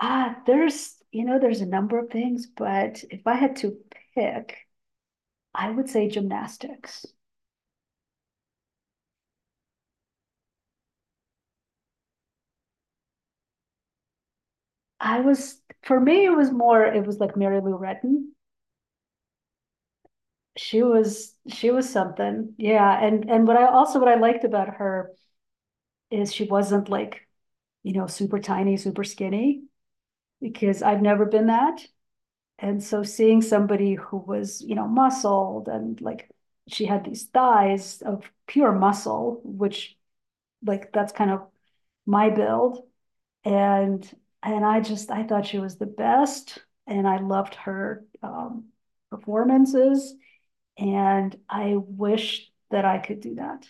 Ah, there's, there's a number of things, but if I had to pick, I would say gymnastics. I was, for me, it was more, it was like Mary Lou Retton. She was something. Yeah. And what I also, what I liked about her is she wasn't like, super tiny, super skinny, because I've never been that. And so seeing somebody who was, muscled and like she had these thighs of pure muscle, which like that's kind of my build, and and I thought she was the best, and I loved her performances, and I wish that I could do that.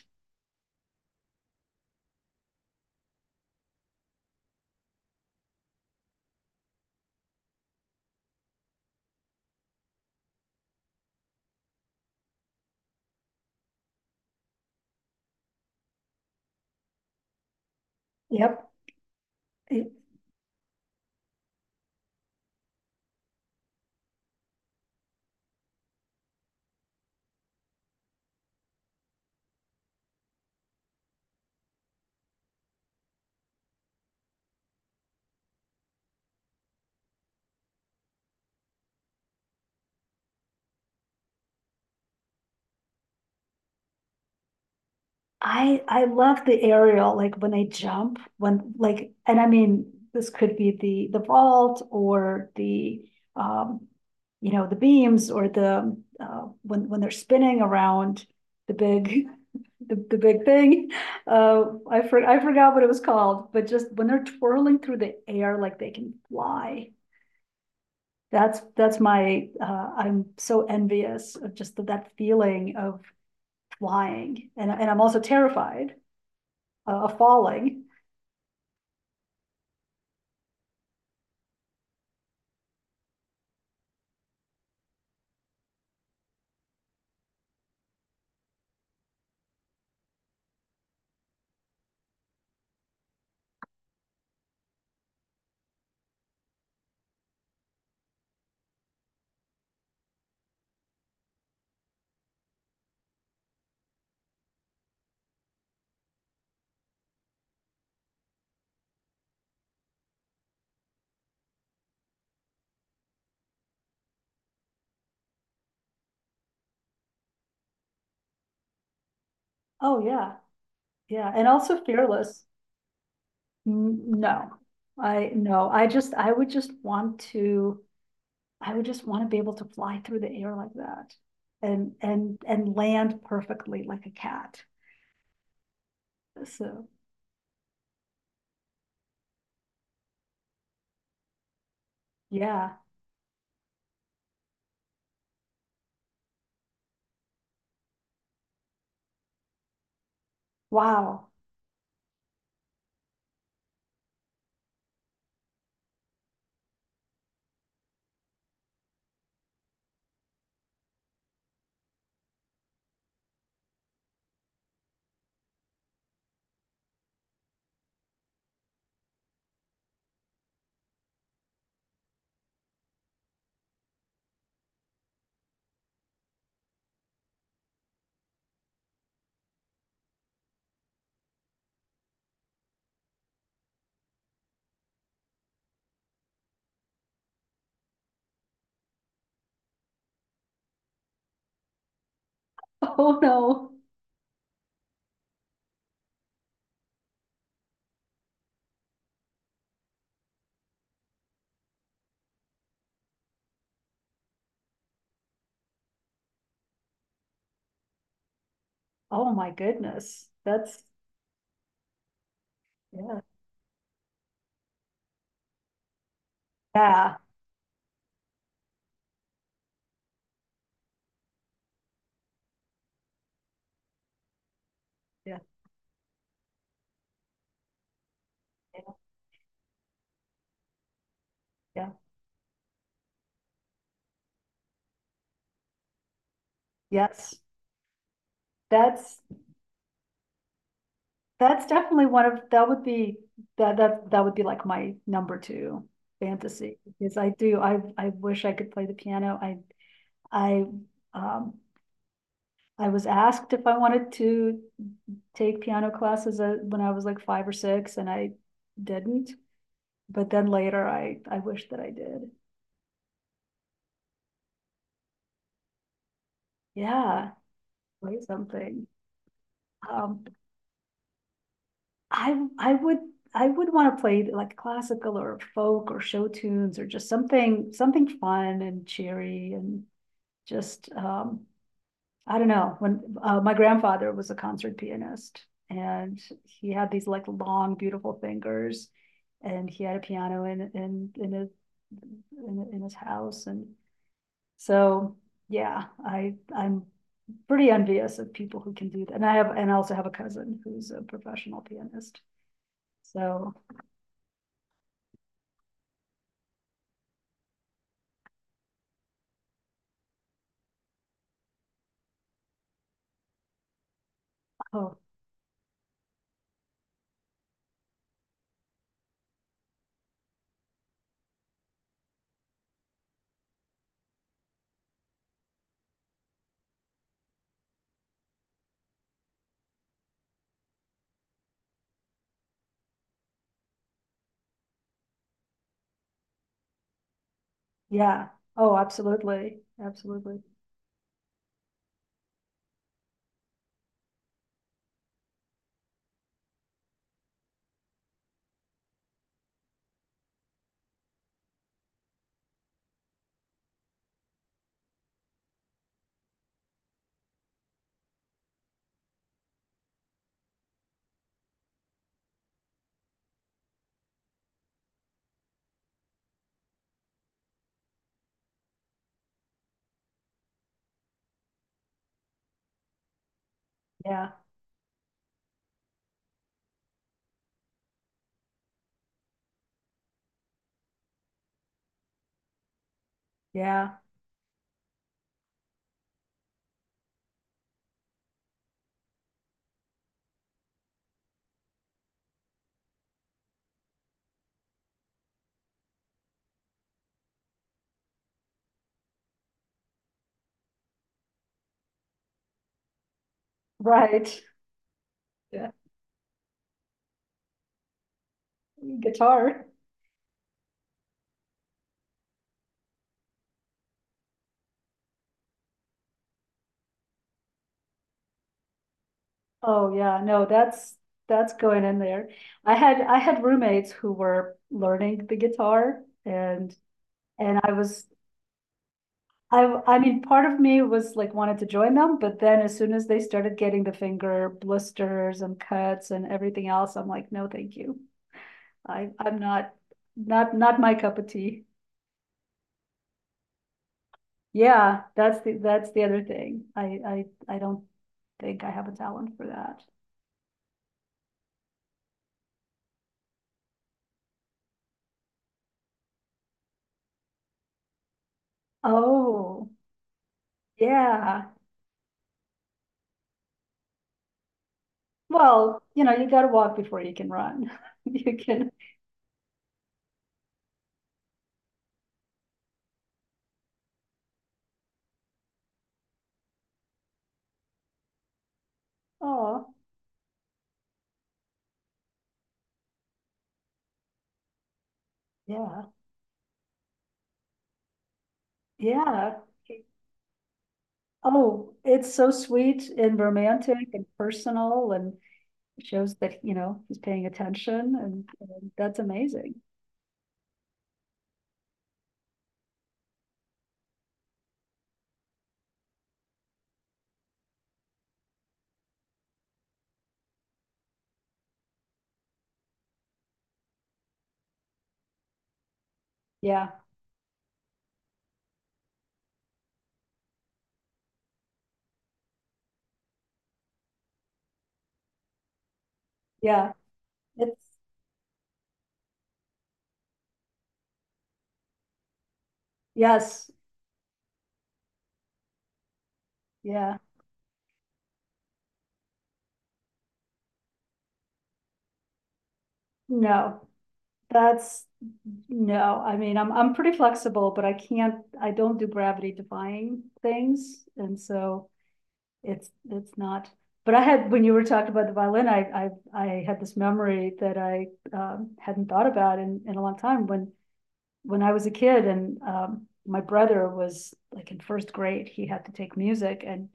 Yep, it, I love the aerial, like when they jump, when like, and I mean, this could be the vault or the um, you know, the beams or the when they're spinning around the big the big thing. Uh, I forgot what it was called, but just when they're twirling through the air like they can fly. That's my I'm so envious of just that feeling of flying, and I'm also terrified falling. Oh yeah, yeah, and also fearless. No, I no, I would just want to, I would just want to be able to fly through the air like that, and land perfectly like a cat. So yeah, wow. Oh no. Oh my goodness. That's yeah, yeah, yeah, yeah, yeah. Yes, that's that's definitely one of, that would be, that would be like my number two fantasy, because I wish I could play the piano. I um I was asked if I wanted to take piano classes when I was like five or six, and I didn't. But then later I wish that I did. Yeah, play something. Um I would, I would want to play like classical or folk or show tunes or just something fun and cheery and just, I don't know, when, my grandfather was a concert pianist, and he had these like long, beautiful fingers, and he had a piano in, in his, in his house. And so, yeah, I'm pretty envious of people who can do that. And I have, and I also have a cousin who's a professional pianist. So, oh, yeah. Oh, absolutely. Absolutely. Yeah. Yeah. Right. Yeah. Guitar. Oh yeah, no, that's going in there. I had roommates who were learning the guitar, and and I was I mean, part of me was like wanted to join them, but then as soon as they started getting the finger blisters and cuts and everything else, I'm like, no, thank you. I'm not, not my cup of tea. Yeah, that's the other thing. I don't think I have a talent for that. Oh, yeah. Well, you know, you got to walk before you can run. You can, oh, yeah, yeah. Oh, it's so sweet and romantic and personal, and shows that, you know, he's paying attention, and that's amazing. Yeah, yeah. It's yes, yeah. No, that's no. I mean, I'm pretty flexible, but I don't do gravity defying things. And so it's not. But I had, when you were talking about the violin, I had this memory that I hadn't thought about in a long time, when I was a kid, and my brother was like in first grade, he had to take music, and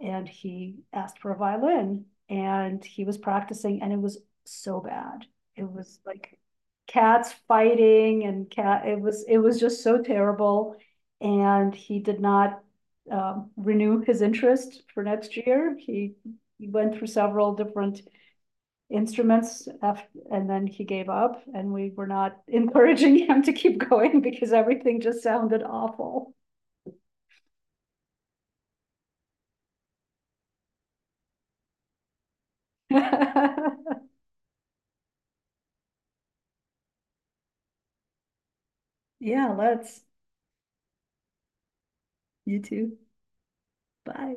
he asked for a violin, and he was practicing, and it was so bad. It was like cats fighting and cat it was just so terrible, and he did not renew his interest for next year. He went through several different instruments after, and then he gave up, and we were not encouraging him to keep going because everything just sounded awful. yeah, let's. You too. Bye.